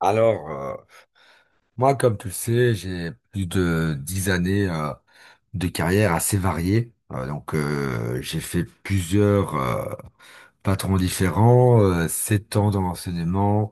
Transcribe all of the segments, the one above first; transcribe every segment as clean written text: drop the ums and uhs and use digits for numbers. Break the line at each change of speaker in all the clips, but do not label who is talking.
Alors, moi, comme tu le sais, j'ai plus de 10 années de carrière assez variée. Donc, j'ai fait plusieurs patrons différents, 7 ans dans l'enseignement.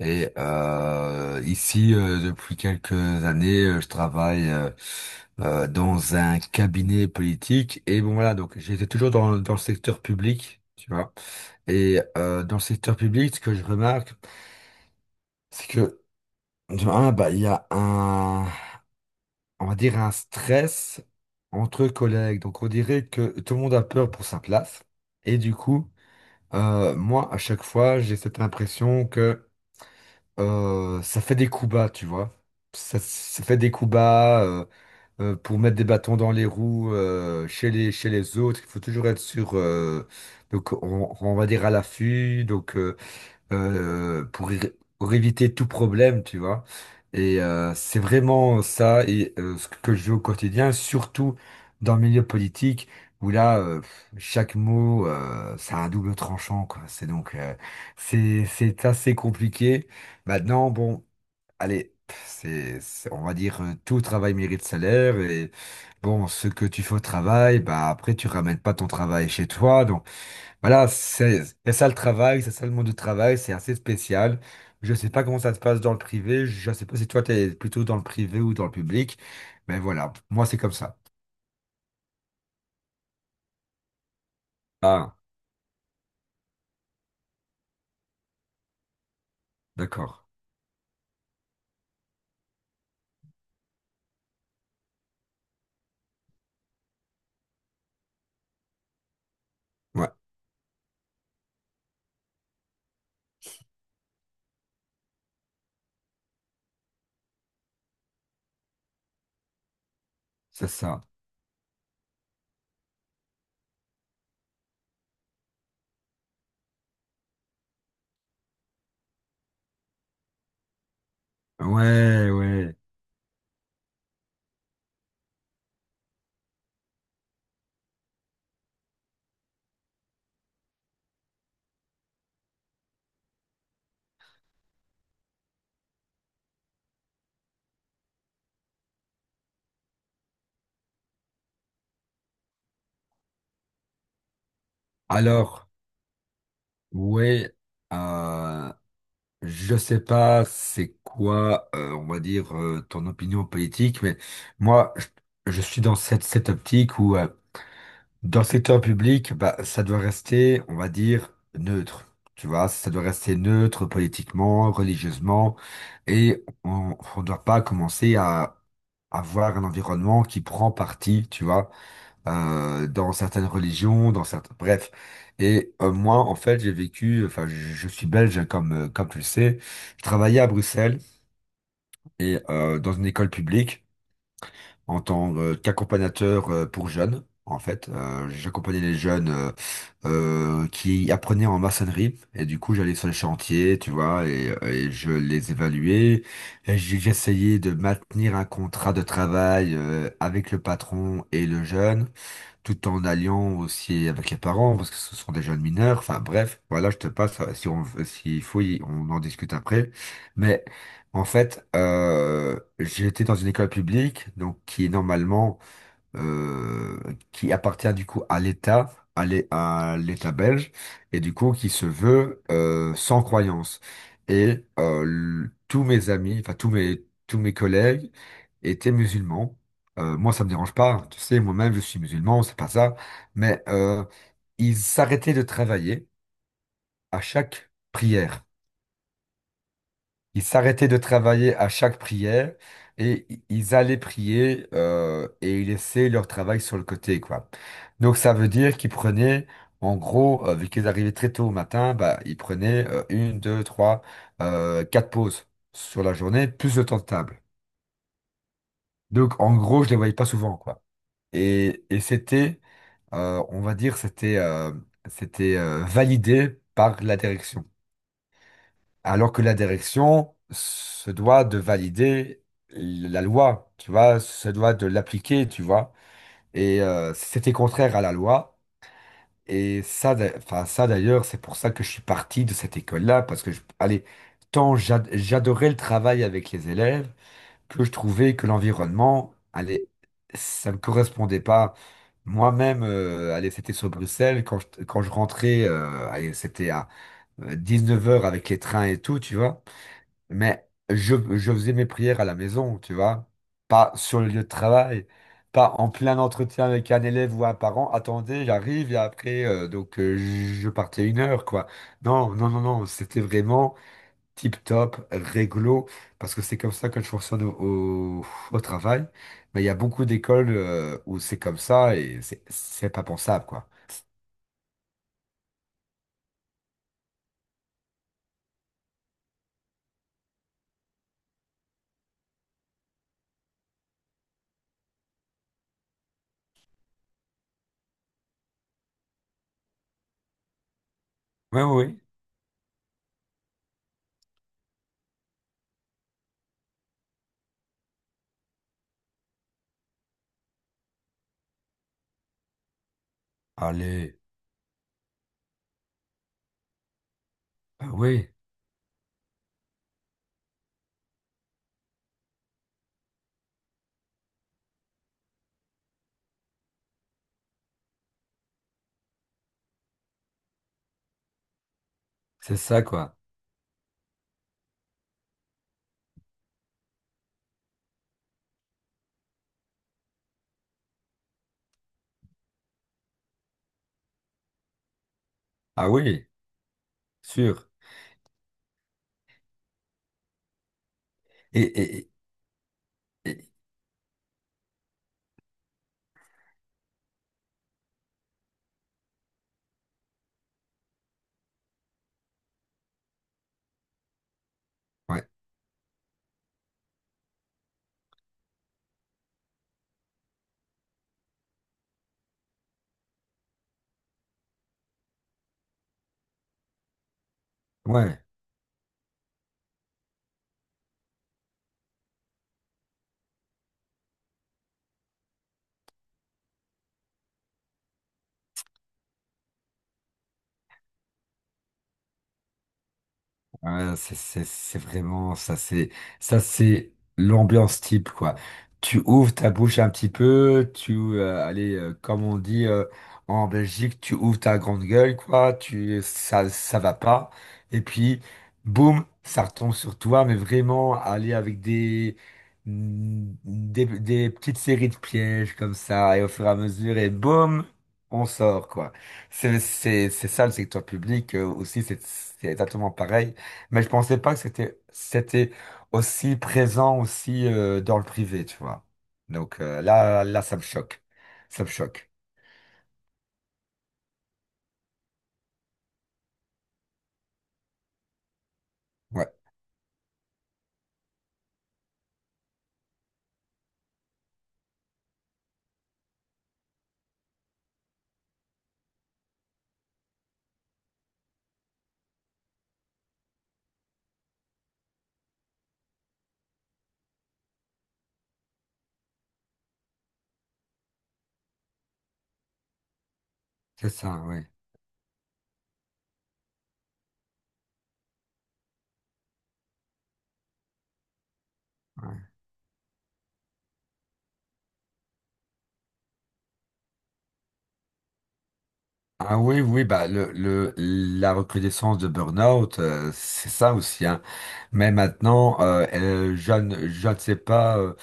Et ici, depuis quelques années, je travaille dans un cabinet politique. Et bon, voilà, donc j'étais toujours dans le secteur public, tu vois. Et dans le secteur public, ce que je remarque, c'est que, de un, bah, il y a un, on va dire, un stress entre collègues. Donc, on dirait que tout le monde a peur pour sa place. Et du coup, moi, à chaque fois, j'ai cette impression que ça fait des coups bas, tu vois. Ça fait des coups bas pour mettre des bâtons dans les roues chez les autres. Il faut toujours être sur, donc on va dire, à l'affût. Donc, pour éviter tout problème, tu vois. Et c'est vraiment ça et ce que je vis au quotidien, surtout dans le milieu politique, où là, chaque mot, ça a un double tranchant, quoi. C'est donc, c'est assez compliqué. Maintenant, bon, allez, pff, on va dire, tout travail mérite salaire, et bon, ce que tu fais au travail, bah après, tu ramènes pas ton travail chez toi, donc. Voilà, c'est ça le travail, c'est ça le monde du travail, c'est assez spécial. Je sais pas comment ça se passe dans le privé, je sais pas si toi t'es plutôt dans le privé ou dans le public, mais voilà, moi c'est comme ça. Ah, d'accord. Ouais, c'est ça. Ouais, ouais. Alors, ouais, euh, je sais pas c'est quoi, on va dire, ton opinion politique, mais moi, je suis dans cette optique où, dans le secteur public, bah, ça doit rester, on va dire, neutre. Tu vois, ça doit rester neutre politiquement, religieusement, et on ne doit pas commencer à avoir un environnement qui prend parti, tu vois, dans certaines religions, bref. Et moi, en fait, j'ai vécu, enfin, je suis belge, hein, comme tu le sais. Je travaillais à Bruxelles et dans une école publique en tant qu'accompagnateur pour jeunes. En fait, j'accompagnais les jeunes qui apprenaient en maçonnerie et du coup j'allais sur les chantiers, tu vois, et je les évaluais. Et j'essayais de maintenir un contrat de travail avec le patron et le jeune, tout en alliant aussi avec les parents, parce que ce sont des jeunes mineurs. Enfin bref, voilà, je te passe, si on, s'il faut, on en discute après. Mais en fait, j'ai été dans une école publique, donc qui est normalement euh, qui appartient du coup à l'État, à l'État belge, et du coup qui se veut sans croyance. Et tous mes amis, enfin tous mes collègues étaient musulmans. Moi, ça me dérange pas, hein. Tu sais, moi-même, je suis musulman, c'est pas ça. Mais ils s'arrêtaient de travailler à chaque prière. Ils s'arrêtaient de travailler à chaque prière, et ils allaient prier et ils laissaient leur travail sur le côté, quoi. Donc ça veut dire qu'ils prenaient, en gros, vu qu'ils arrivaient très tôt au matin, bah, ils prenaient une, deux, trois, quatre pauses sur la journée, plus le temps de table. Donc en gros, je les voyais pas souvent, quoi. Et c'était, on va dire, c'était c'était validé par la direction, alors que la direction se doit de valider la loi, tu vois, se doit de l'appliquer, tu vois. Et c'était contraire à la loi. Et ça, enfin ça d'ailleurs, c'est pour ça que je suis parti de cette école-là, parce que, allez, tant j'adorais le travail avec les élèves, que je trouvais que l'environnement, allez, ça me correspondait pas. Moi-même, allez, c'était sur Bruxelles, quand je rentrais, allez, c'était à 19h avec les trains et tout, tu vois. Mais je faisais mes prières à la maison, tu vois, pas sur le lieu de travail, pas en plein entretien avec un élève ou un parent. Attendez, j'arrive et après, donc je partais 1 heure, quoi. Non, non, non, non, c'était vraiment tip-top, réglo, parce que c'est comme ça que je fonctionne au travail. Mais il y a beaucoup d'écoles où c'est comme ça, et c'est pas pensable, quoi. Oui, oui, oui. Allez. Ah oui, c'est ça, quoi. Ah oui, sûr. Et, et, et- et- ouais. Ouais. Ouais, c'est vraiment ça, c'est l'ambiance type, quoi. Tu ouvres ta bouche un petit peu, tu allez comme on dit en Belgique, tu ouvres ta grande gueule, quoi, tu ça va pas, et puis boum, ça retombe sur toi, mais vraiment, aller avec des petites séries de pièges comme ça et au fur et à mesure, et boum, on sort, quoi. C'est ça le secteur public aussi, c'est exactement pareil. Mais je pensais pas que c'était aussi présent aussi dans le privé, tu vois. Donc là ça me choque. Ça me choque. Ouais, c'est ça, oui. Ouais. Ah oui, oui, bah le la recrudescence de burn-out, c'est ça aussi, hein. Mais maintenant, je ne sais pas,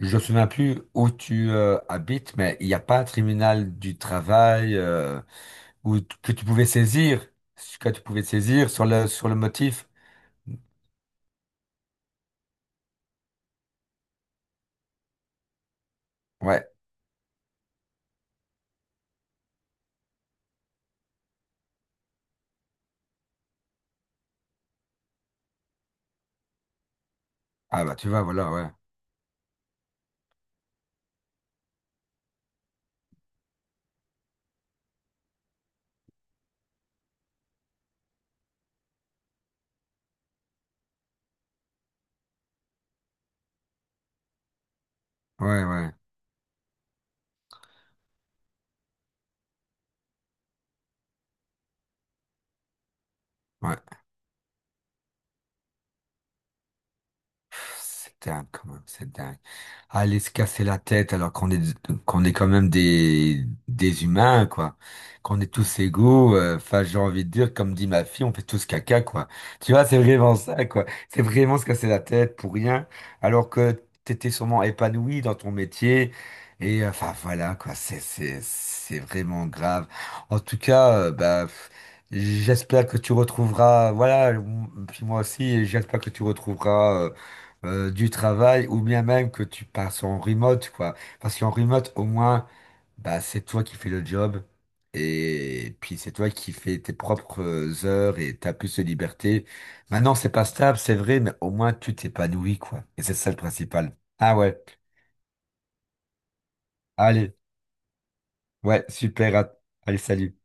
je ne me souviens plus où tu habites, mais il n'y a pas un tribunal du travail où, que tu pouvais saisir, sur le motif. Ouais. Ah bah tu vois, voilà, ouais. Ouais, ouais. Ouais. C'est dingue quand même, c'est dingue. Aller se casser la tête, alors qu'on est quand même des humains, quoi, qu'on est tous égaux. Enfin, j'ai envie de dire, comme dit ma fille, on fait tous caca, quoi. Tu vois, c'est vraiment ça, quoi. C'est vraiment se casser la tête pour rien, alors que t'étais sûrement épanoui dans ton métier. Et enfin voilà, quoi, c'est vraiment grave. En tout cas, bah, pff, j'espère que tu retrouveras, voilà, puis moi aussi, j'espère que tu retrouveras du travail, ou bien même que tu passes en remote, quoi. Parce qu'en remote, au moins, bah, c'est toi qui fais le job, et puis c'est toi qui fais tes propres heures, et t'as plus de liberté. Maintenant, c'est pas stable, c'est vrai, mais au moins tu t'épanouis, quoi. Et c'est ça le principal. Ah ouais. Allez, ouais, super. Allez, salut.